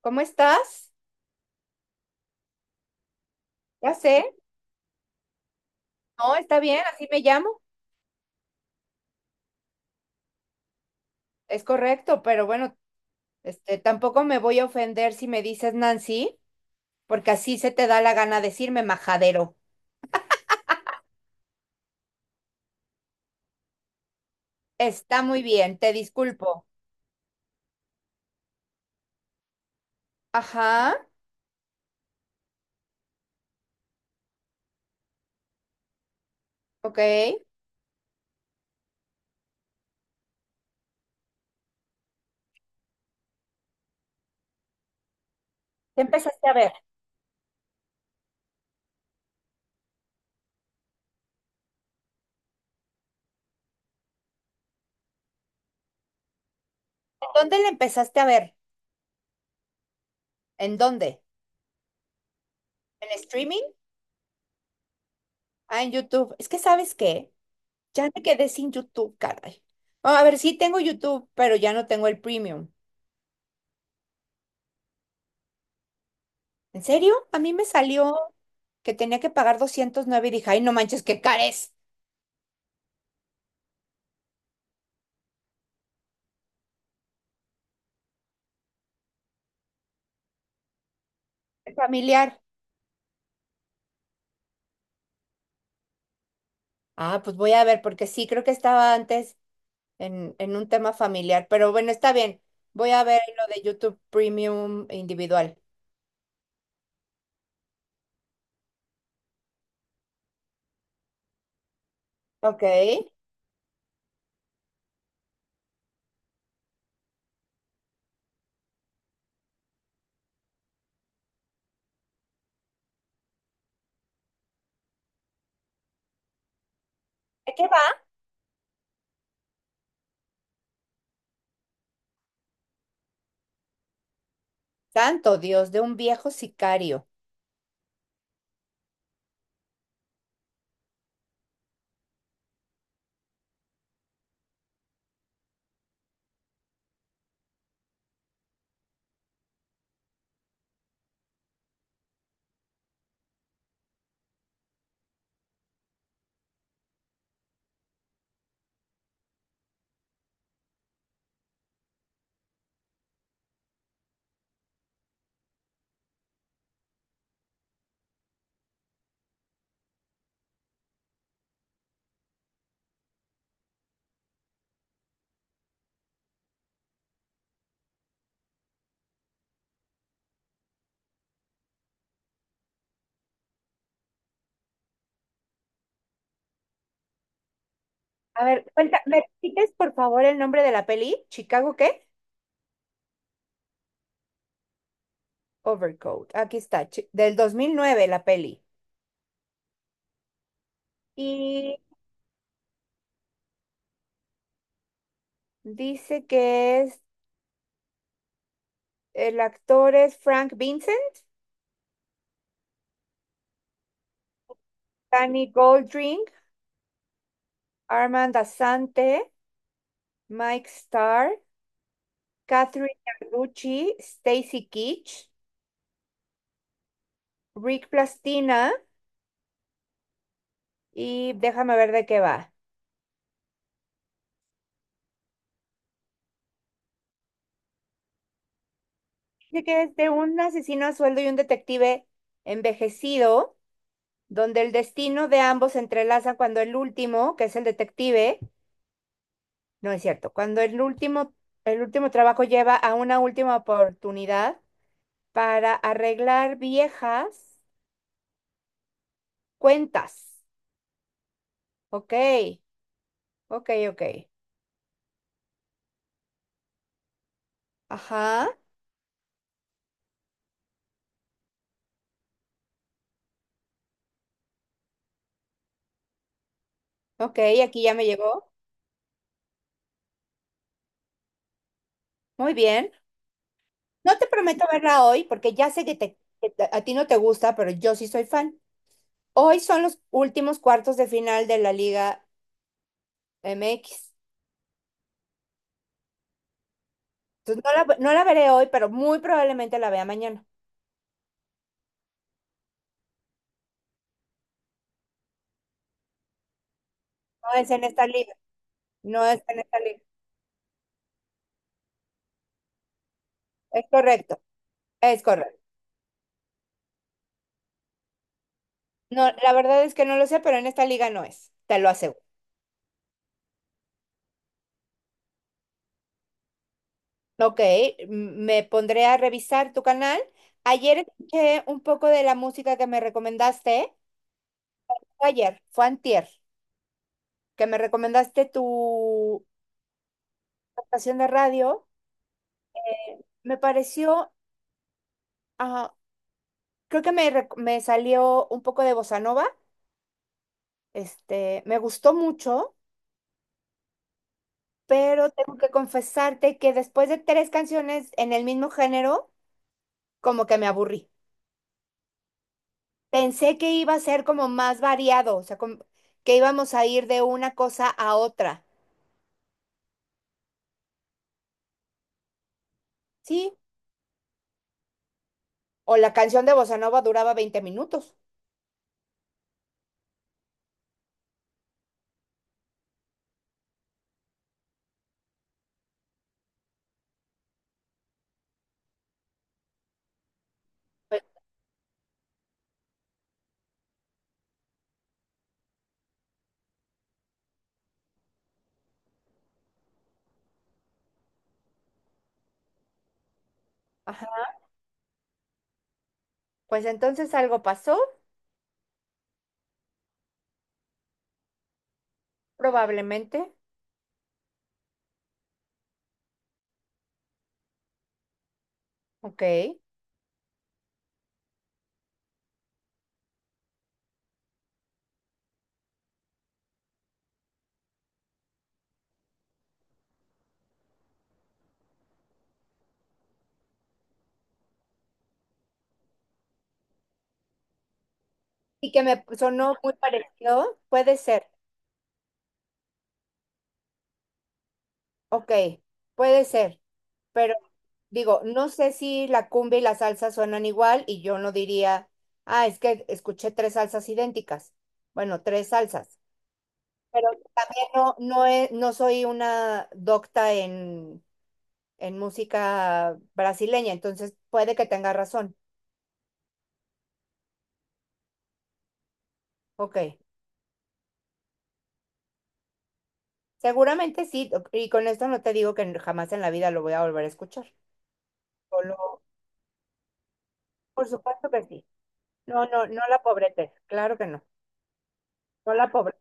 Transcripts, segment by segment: ¿Cómo estás? Ya sé. No, está bien, así me llamo. Es correcto, pero bueno, este, tampoco me voy a ofender si me dices Nancy, porque así se te da la gana decirme majadero. Está muy bien, te disculpo. Ajá, ok. ¿Qué empezaste a ver? ¿En dónde le empezaste a ver? ¿En dónde? ¿En streaming? Ah, en YouTube. Es que ¿sabes qué? Ya me quedé sin YouTube, caray. Ah, a ver, sí tengo YouTube, pero ya no tengo el premium. ¿En serio? A mí me salió que tenía que pagar 209 y dije, ay, no manches, qué cares. Familiar. Ah, pues voy a ver, porque sí, creo que estaba antes en un tema familiar, pero bueno, está bien. Voy a ver lo de YouTube Premium individual. Ok. ¿De qué va? Santo Dios, de un viejo sicario. A ver, cuenta, ¿me repites por favor el nombre de la peli? ¿Chicago qué? Overcoat. Aquí está, del 2009 la peli. Y dice que es el actor es Frank Vincent, Danny Goldring, Armand Asante, Mike Starr, Catherine Carducci, Stacy Keach, Rick Plastina y déjame ver de qué va. Dice que es de un asesino a sueldo y un detective envejecido, donde el destino de ambos se entrelaza cuando el último, que es el detective, no es cierto, cuando el último trabajo lleva a una última oportunidad para arreglar viejas cuentas. Ok, ok, ok. Ajá, ok, aquí ya me llegó. Muy bien. No te prometo verla hoy porque ya sé que a ti no te gusta, pero yo sí soy fan. Hoy son los últimos cuartos de final de la Liga MX. Entonces no la veré hoy, pero muy probablemente la vea mañana. No es en esta liga, no es en esta liga. Es correcto, es correcto. No, la verdad es que no lo sé, pero en esta liga no es, te lo aseguro. Ok, me pondré a revisar tu canal. Ayer escuché un poco de la música que me recomendaste. Fue ayer, fue antier, que me recomendaste tu estación de radio. Me pareció, ah, creo que me salió un poco de bossa nova. Este, me gustó mucho, pero tengo que confesarte que después de tres canciones en el mismo género, como que me aburrí. Pensé que iba a ser como más variado, o sea, como que íbamos a ir de una cosa a otra. Sí, o la canción de Bossa Nova duraba 20 minutos. Pues, ajá. Pues entonces algo pasó, probablemente. Ok. Y que me sonó muy parecido. Puede ser. Ok, puede ser. Pero digo, no sé si la cumbia y la salsa suenan igual y yo no diría, ah, es que escuché tres salsas idénticas. Bueno, tres salsas. Pero también no soy una docta en música brasileña, entonces puede que tenga razón. Ok, seguramente sí, y con esto no te digo que jamás en la vida lo voy a volver a escuchar. Solo, por supuesto que sí. No la pobrete, claro que no, no la pobre.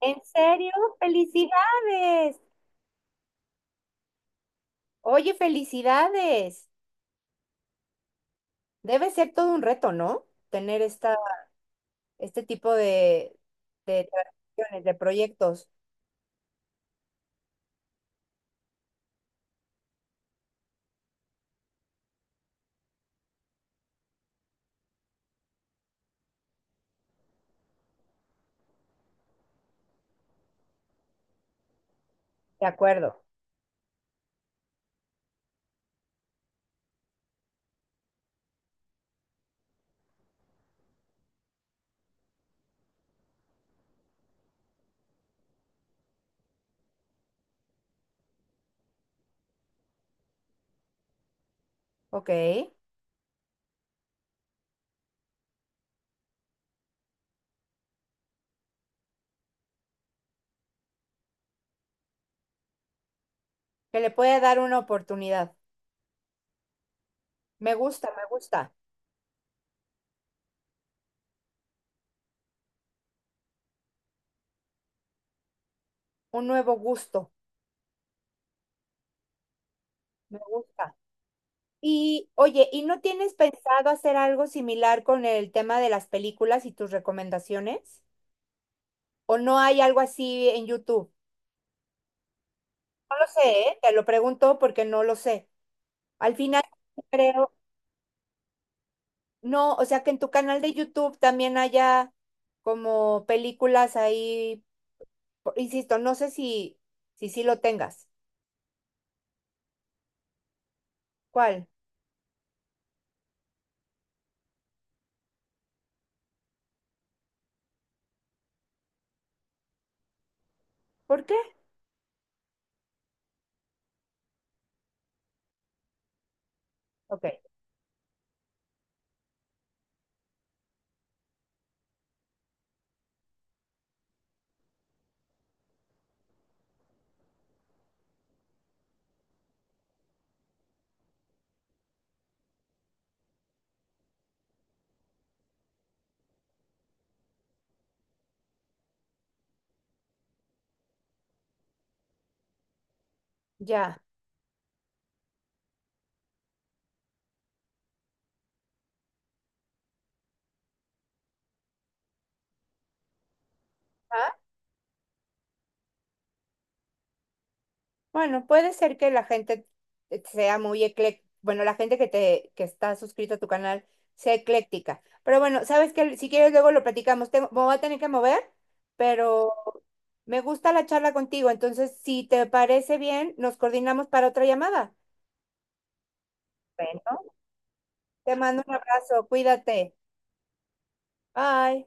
¿En serio? ¡Felicidades! Oye, felicidades. Debe ser todo un reto, ¿no? Tener esta, este tipo de transacciones, de proyectos. De acuerdo. Ok, que le pueda dar una oportunidad. Me gusta, me gusta. Un nuevo gusto. Me gusta. Y oye, ¿y no tienes pensado hacer algo similar con el tema de las películas y tus recomendaciones? ¿O no hay algo así en YouTube? No lo sé, ¿eh? Te lo pregunto porque no lo sé. Al final creo, no, o sea que en tu canal de YouTube también haya como películas ahí, insisto, no sé si lo tengas. ¿Cuál? ¿Por qué? Ok, ya. Bueno, puede ser que la gente sea muy ecléctica, bueno, la gente que te que está suscrita a tu canal sea ecléctica. Pero bueno, sabes que si quieres luego lo platicamos. Tengo, me voy a tener que mover, pero me gusta la charla contigo. Entonces, si te parece bien, nos coordinamos para otra llamada. Bueno, te mando un abrazo, cuídate. Bye.